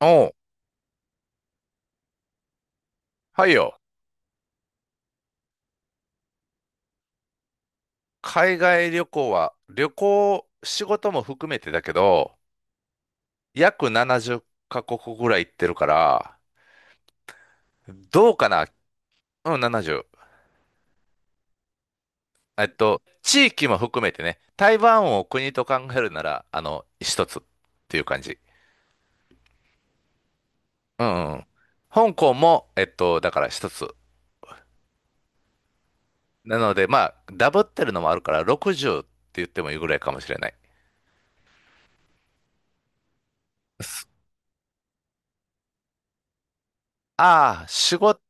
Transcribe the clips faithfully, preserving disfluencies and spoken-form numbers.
おう、はいよ。海外旅行は、旅行、仕事も含めてだけど、約ななじゅうカ国ぐらい行ってるから、どうかな。うん、ななじゅう。えっと、地域も含めてね、台湾を国と考えるなら、あの、一つっていう感じ。うんうん。香港も、えっと、だから一つ。なので、まあ、ダブってるのもあるから、ろくじゅうって言ってもいいぐらいかもしれない。ああ、仕事、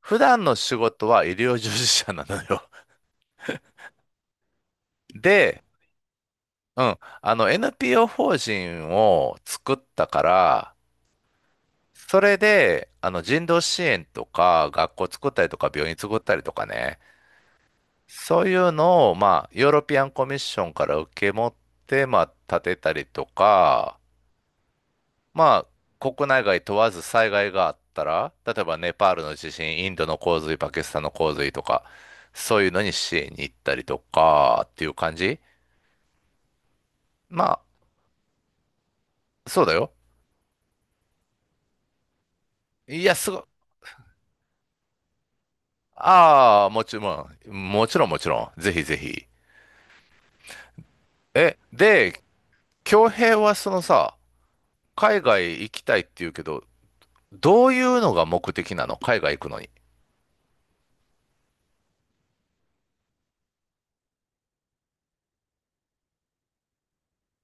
普段の仕事は医療従事者なのよ。で、うん。あの、エヌピーオー 法人を作ったから、それで、あの、人道支援とか、学校作ったりとか、病院作ったりとかね、そういうのを、まあ、ヨーロピアンコミッションから受け持って、まあ、建てたりとか、まあ、国内外問わず災害があったら、例えばネパールの地震、インドの洪水、パキスタンの洪水とか、そういうのに支援に行ったりとか、っていう感じ。まあ、そうだよ。いや、すごい、ああ、もちろん、もちろんもちろん。ぜひぜひ。え、で、恭平はそのさ、海外行きたいって言うけど、どういうのが目的なの海外行くのに。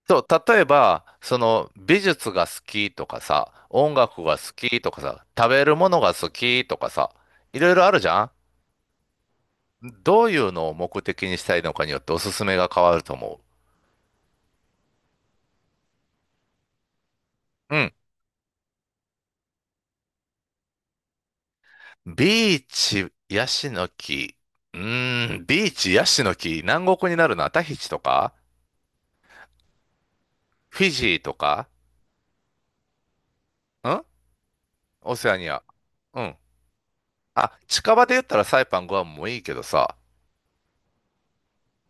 そう、例えば、その美術が好きとかさ、音楽が好きとかさ、食べるものが好きとかさ、いろいろあるじゃん。どういうのを目的にしたいのかによっておすすめが変わると思う。うん。ビーチ、ヤシの木。うーん、ビーチ、ヤシの木。南国になるな。タヒチとかフィジーとかんオセアニア。うん。あ、近場で言ったらサイパン、グアムもいいけどさ。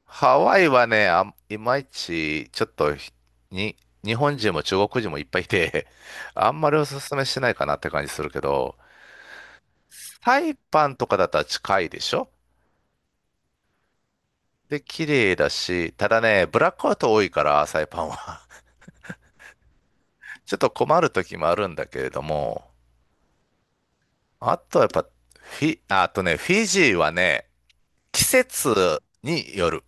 ハワイはね、あん、いまいち、ちょっとひ、に、日本人も中国人もいっぱいいて、あんまりおすすめしないかなって感じするけど、サイパンとかだったら近いでしょ。で、綺麗だし、ただね、ブラックアウト多いから、サイパンは。ちょっと困る時もあるんだけれども、あとはやっぱ、フィ、ああとね、フィジーはね、季節による。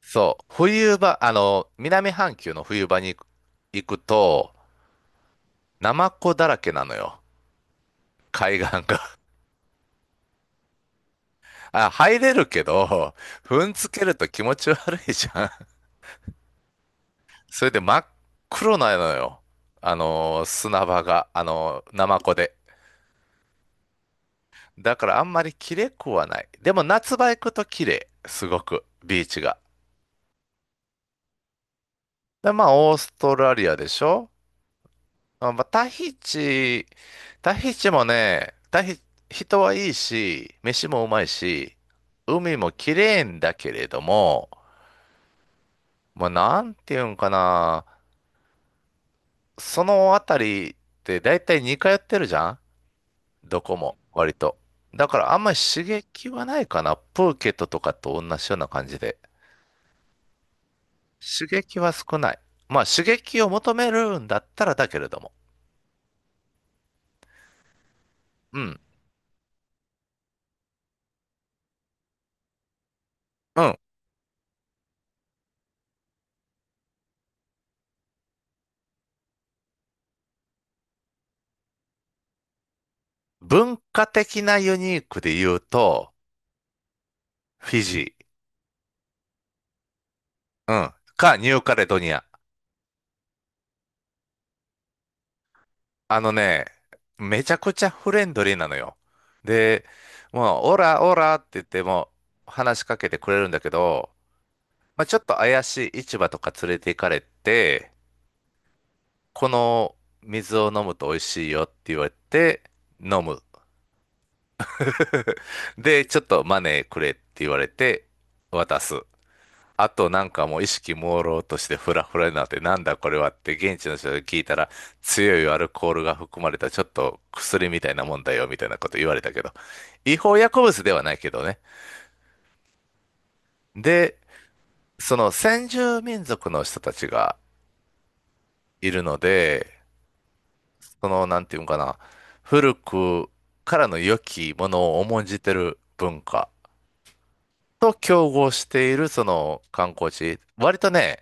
そう、冬場、あの、南半球の冬場に行くと、ナマコだらけなのよ、海岸が。あ、入れるけど、踏んづけると気持ち悪いじゃん。それで真っ黒なのよ、あの、砂場が、あの、ナマコで。だからあんまり綺麗くはない。でも夏場行くと綺麗、すごく、ビーチが。で、まあ、オーストラリアでしょ。あ、まあ、タヒチ、タヒチもね、タヒ、人はいいし、飯もうまいし、海も綺麗んだけれども、まあ、なんていうんかな、そのあたりって大体似通ってるじゃん、どこも、割と。だからあんまり刺激はないかな。プーケットとかと同じような感じで。刺激は少ない。まあ刺激を求めるんだったらだけれども。うん。うん。文化的なユニークで言うと、フィジー、うん、かニューカレドニア。あのね、めちゃくちゃフレンドリーなのよ。で、もう、オラオラって言っても話しかけてくれるんだけど、まあ、ちょっと怪しい市場とか連れて行かれて、この水を飲むと美味しいよって言われて、飲む。で、ちょっとマネーくれって言われて、渡す。あとなんかもう意識朦朧としてフラフラになって、なんだこれはって現地の人に聞いたら、強いアルコールが含まれたちょっと薬みたいなもんだよみたいなこと言われたけど、違法薬物ではないけどね。で、その先住民族の人たちがいるので、そのなんていうのかな、古くからの良きものを重んじてる文化と競合しているその観光地、割とね、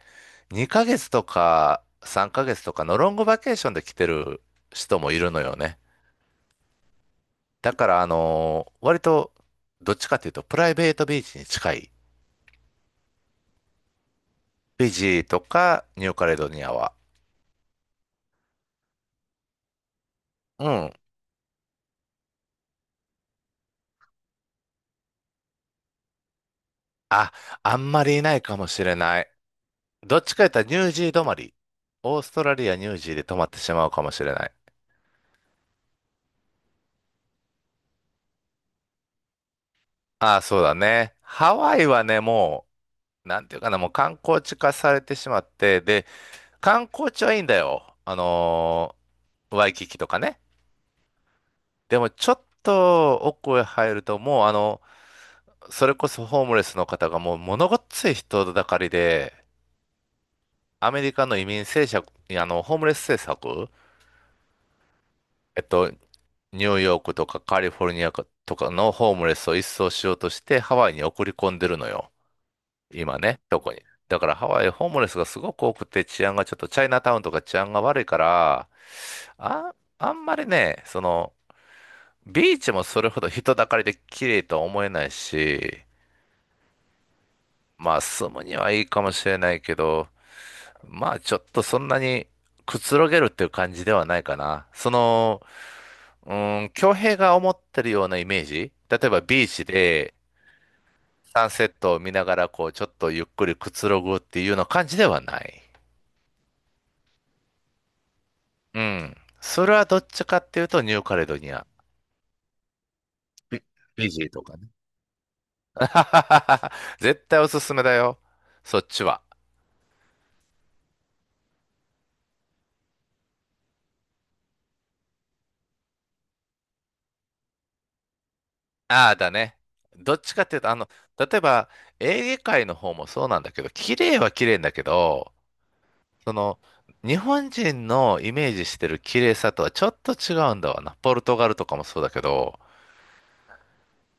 にかげつとかさんかげつとかのロングバケーションで来てる人もいるのよね。だからあのー割とどっちかというとプライベートビーチに近い。フィジーとかニューカレドニアは。うん。あ、あんまりいないかもしれない。どっちか言ったらニュージー止まり。オーストラリア、ニュージーで止まってしまうかもしれない。ああ、そうだね。ハワイはね、もう、なんていうかな、もう観光地化されてしまって、で、観光地はいいんだよ。あのーワイキキとかね。でもちょっと奥へ入るともうあの、それこそホームレスの方がもう物ごっつい人だかりで、アメリカの移民政策、いやあの、ホームレス政策、えっと、ニューヨークとかカリフォルニアとかのホームレスを一掃しようとしてハワイに送り込んでるのよ。今ね、どこに。だからハワイホームレスがすごく多くて治安がちょっとチャイナタウンとか治安が悪いから、あ、あんまりね、その、ビーチもそれほど人だかりで綺麗とは思えないし、まあ住むにはいいかもしれないけど、まあちょっとそんなにくつろげるっていう感じではないかな。その、うーん、恭平が思ってるようなイメージ例えばビーチでサンセットを見ながらこうちょっとゆっくりくつろぐっていうような感じではない。うん。それはどっちかっていうとニューカレドニア。ビ、ビジーとかね。絶対おすすめだよ。そっちは。ああ、だね。どっちかっていうと、あの、例えば、エーゲ海の方もそうなんだけど、綺麗は綺麗んだけど、その、日本人のイメージしてる綺麗さとはちょっと違うんだわな。ポルトガルとかもそうだけど、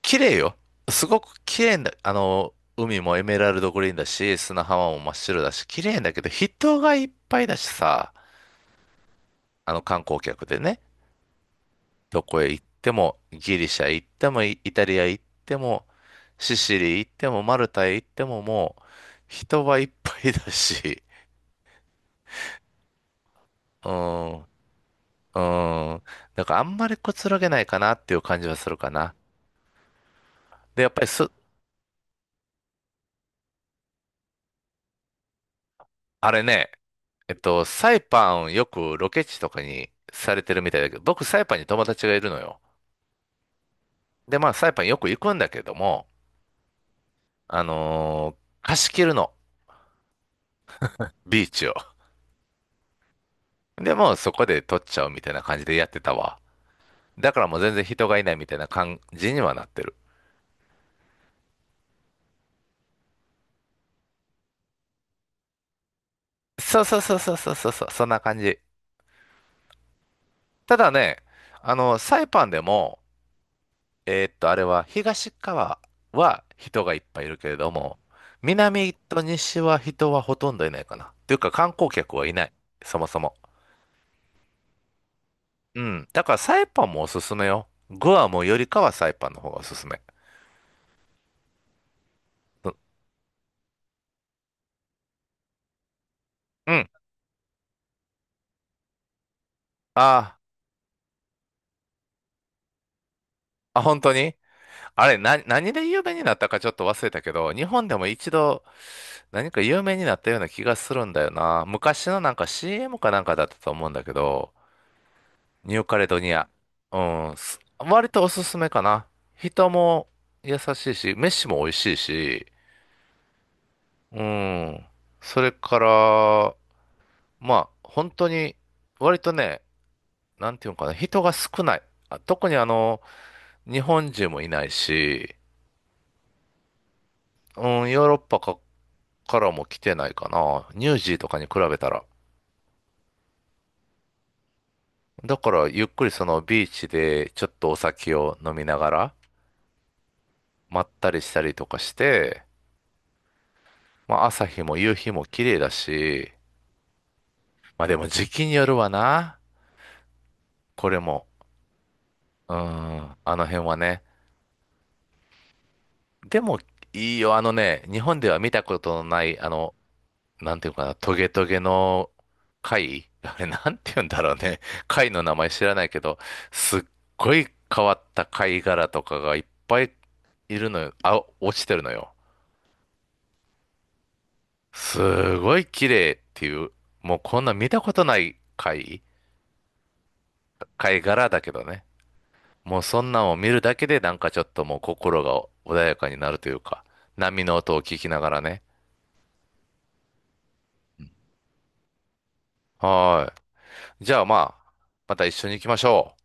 綺麗よ。すごく綺麗んだ。あの、海もエメラルドグリーンだし、砂浜も真っ白だし、綺麗んだけど、人がいっぱいだしさ、あの観光客でね。どこへ行っても、ギリシャ行っても、イイタリア行っても、シシリ行っても、マルタへ行っても、もう、人はいっぱいだし、うん、うん。だからあんまりくつろげないかなっていう感じはするかな。で、やっぱりす、あれね、えっと、サイパンよくロケ地とかにされてるみたいだけど、僕サイパンに友達がいるのよ。で、まあサイパンよく行くんだけども、あのー貸し切るの、ビーチを。で、もうそこで撮っちゃうみたいな感じでやってたわ。だからもう全然人がいないみたいな感じにはなってる。そうそうそうそうそうそうそう、そんな感じ。ただね、あの、サイパンでも、えーっと、あれは東側は人がいっぱいいるけれども、南と西は人はほとんどいないかな。というか観光客はいない。そもそも。うん。だからサイパンもおすすめよ。グアムよりかはサイパンの方がおすすめ。ううん。ああ、あ、本当にあれ、な、何で有名になったかちょっと忘れたけど、日本でも一度何か有名になったような気がするんだよな。昔のなんか シーエム かなんかだったと思うんだけど、ニューカレドニア。うん、す割とおすすめかな。人も優しいし、飯も美味しいし、うん。それから、まあ、本当に、割とね、なんていうのかな、人が少ない。あ特にあの、日本人もいないし、うん、ヨーロッパか、からも来てないかな。ニュージーとかに比べたら。だからゆっくりそのビーチでちょっとお酒を飲みながらまったりしたりとかして、まあ朝日も夕日も綺麗だし、まあでも時期によるわな。これも。うん、あの辺はね。でもいいよ、あのね、日本では見たことのない、あの、なんていうかな、トゲトゲの貝あれなんて言うんだろうね。貝の名前知らないけど、すっごい変わった貝殻とかがいっぱいいるのよ。あ、落ちてるのよ。すごい綺麗っていう、もうこんな見たことない貝、貝殻だけどね。もうそんなんを見るだけでなんかちょっともう心が穏やかになるというか、波の音を聞きながらね。はーい。じゃあまあ、また一緒に行きましょう。